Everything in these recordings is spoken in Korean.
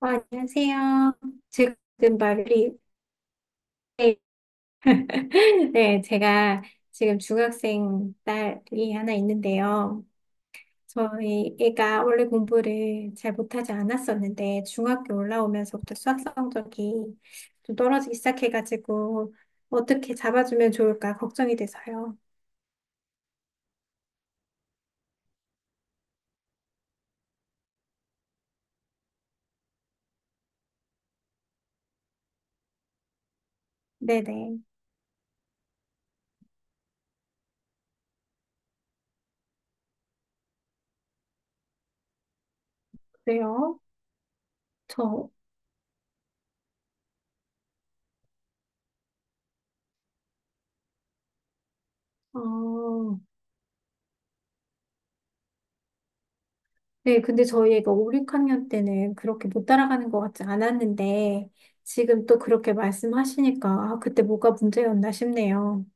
아, 안녕하세요. 지금 말이, 네, 네, 제가 지금 중학생 딸이 하나 있는데요. 저희 애가 원래 공부를 잘 못하지 않았었는데, 중학교 올라오면서부터 수학 성적이 좀 떨어지기 시작해가지고, 어떻게 잡아주면 좋을까 걱정이 돼서요. 네네. 그래요. 저, 어, 네, 근데 저희 애가 5, 6학년 때는 그렇게 못 따라가는 것 같지 않았는데, 지금 또 그렇게 말씀하시니까, 아, 그때 뭐가 문제였나 싶네요.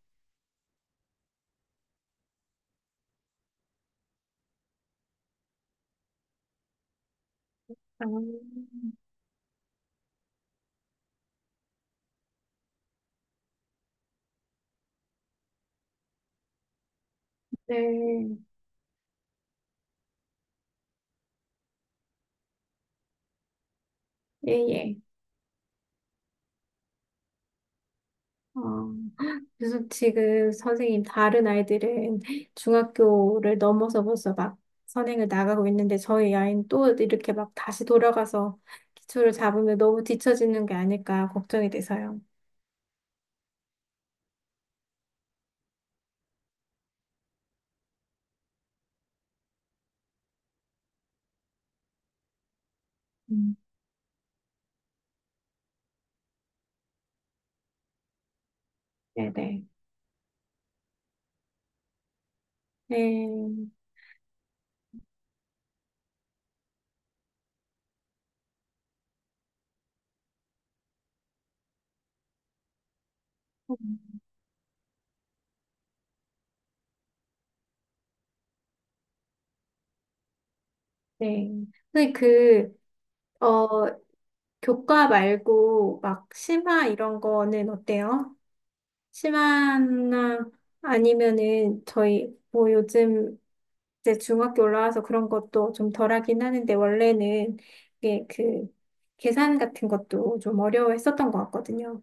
아, 네, 예, 예. 어, 그래서 지금 선생님, 다른 아이들은 중학교를 넘어서 벌써 막 선행을 나가고 있는데, 저희 아이는 또 이렇게 막 다시 돌아가서 기초를 잡으면 너무 뒤처지는 게 아닐까 걱정이 돼서요. 음, 네네. 네. 네. 근데 그, 어, 교과 말고 막 심화 이런 거는 어때요? 심화나 아니면은 저희 뭐 요즘 이제 중학교 올라와서 그런 것도 좀 덜하긴 하는데 원래는 이게 그 계산 같은 것도 좀 어려워했었던 것 같거든요.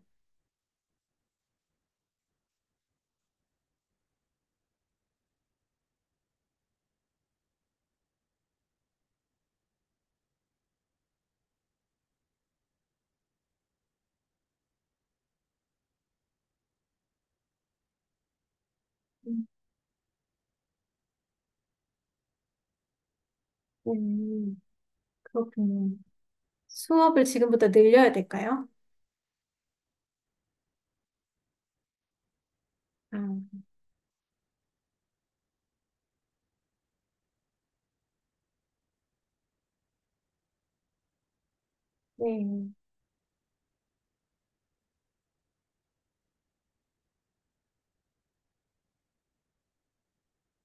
음, 음, 그렇군요. 수업을 지금부터 늘려야 될까요? 아, 네.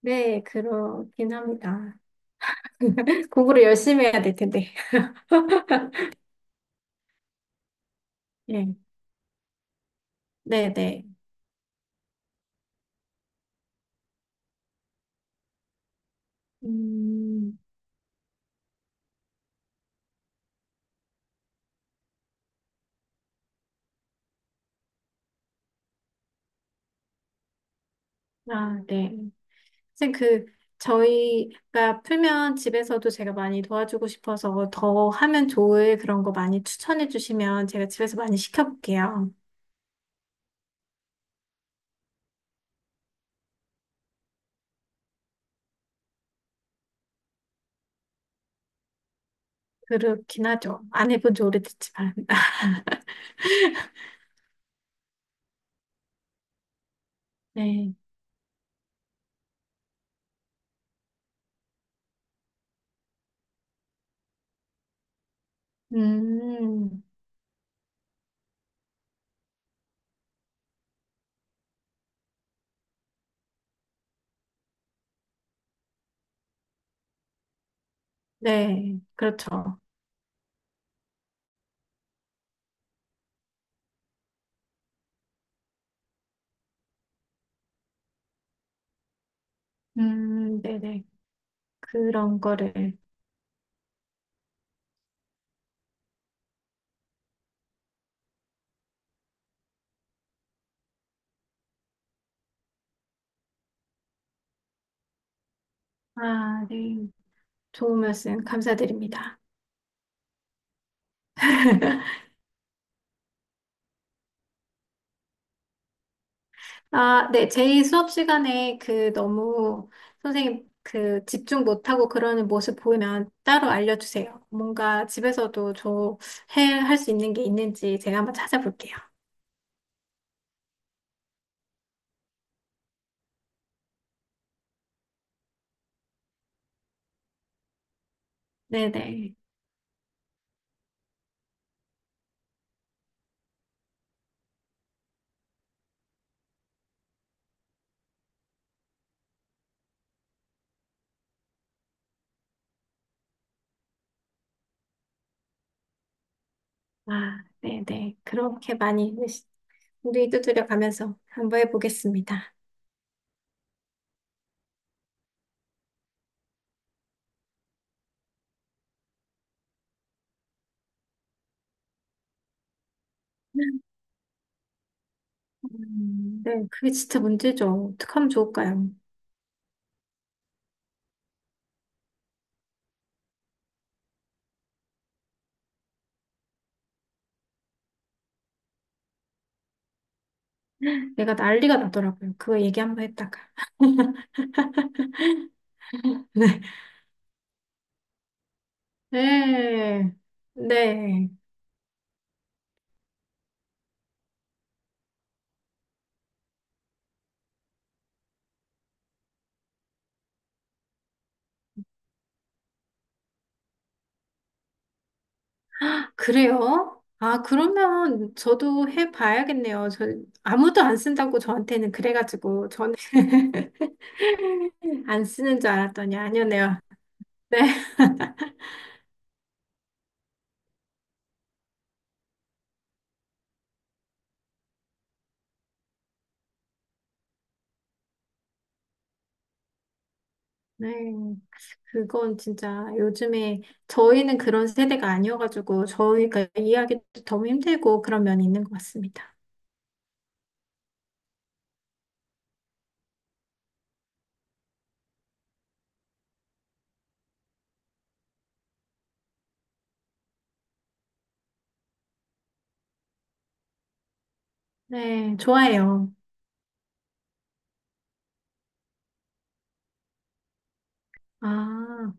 네, 그렇긴 합니다. 공부를 열심히 해야 될 텐데. 예. 네네. 음, 아, 네. 선생님, 그, 저희가 풀면 집에서도 제가 많이 도와주고 싶어서 더 하면 좋을 그런 거 많이 추천해 주시면 제가 집에서 많이 시켜볼게요. 그렇긴 하죠. 안 해본 지 오래됐지만. 네. 음, 네. 그렇죠. 네네. 그런 거를. 아, 네. 좋은 말씀 감사드립니다. 아, 네. 제 수업 시간에 그 너무 선생님 그 집중 못하고 그러는 모습 보이면 따로 알려주세요. 뭔가 집에서도 저 할 수 있는 게 있는지 제가 한번 찾아볼게요. 네네. 아, 네네. 그렇게 많이 우리 두드려 가면서 한번 해보겠습니다. 네. 그게 진짜 문제죠. 어떻게 하면 좋을까요? 내가 난리가 나더라고요. 그거 얘기 한번 했다가. 네. 네. 네. 그래요? 아, 그러면 저도 해봐야겠네요. 저 아무도 안 쓴다고 저한테는 그래가지고 저는 안 쓰는 줄 알았더니 아니었네요. 네. 네. 그건 진짜 요즘에 저희는 그런 세대가 아니어가지고 저희가 이해하기도 너무 힘들고 그런 면이 있는 것 같습니다. 네, 좋아요. 아.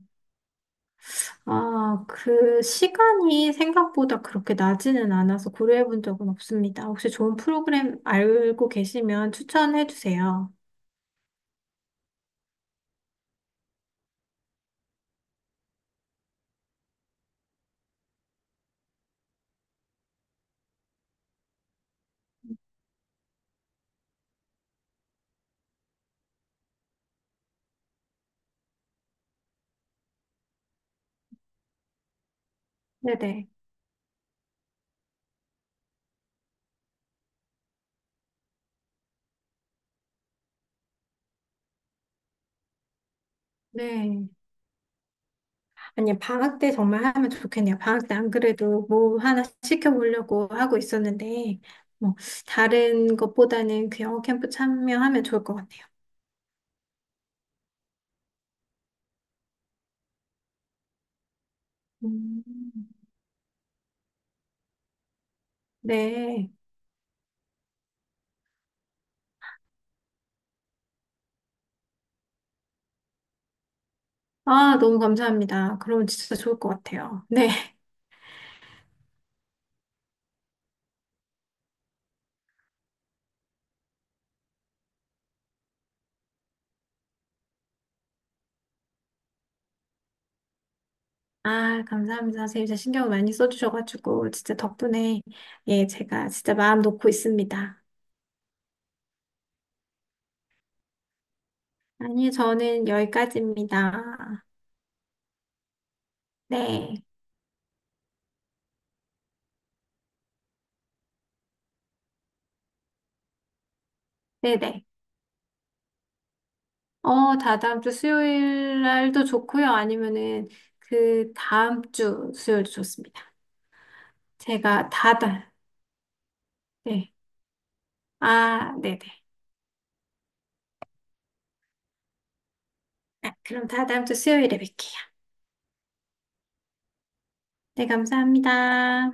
아, 그 시간이 생각보다 그렇게 나지는 않아서 고려해 본 적은 없습니다. 혹시 좋은 프로그램 알고 계시면 추천해 주세요. 네네. 네. 아니, 방학 때 정말 하면 좋겠네요. 방학 때 안 그래도 뭐 하나 시켜보려고 하고 있었는데, 뭐, 다른 것보다는 그 영어 캠프 참여하면 좋을 것 같아요. 음, 네. 아, 너무 감사합니다. 그러면 진짜 좋을 것 같아요. 네. 아, 감사합니다. 선생님, 진짜 신경을 많이 써주셔가지고, 진짜 덕분에, 예, 제가 진짜 마음 놓고 있습니다. 아니, 저는 여기까지입니다. 네, 네네. 어, 다 다음 주 수요일 날도 좋고요. 아니면은, 그 다음 주 수요일도 좋습니다. 제가 네. 아, 네네. 아, 그럼 다 다음 주 수요일에 뵐게요. 네, 감사합니다.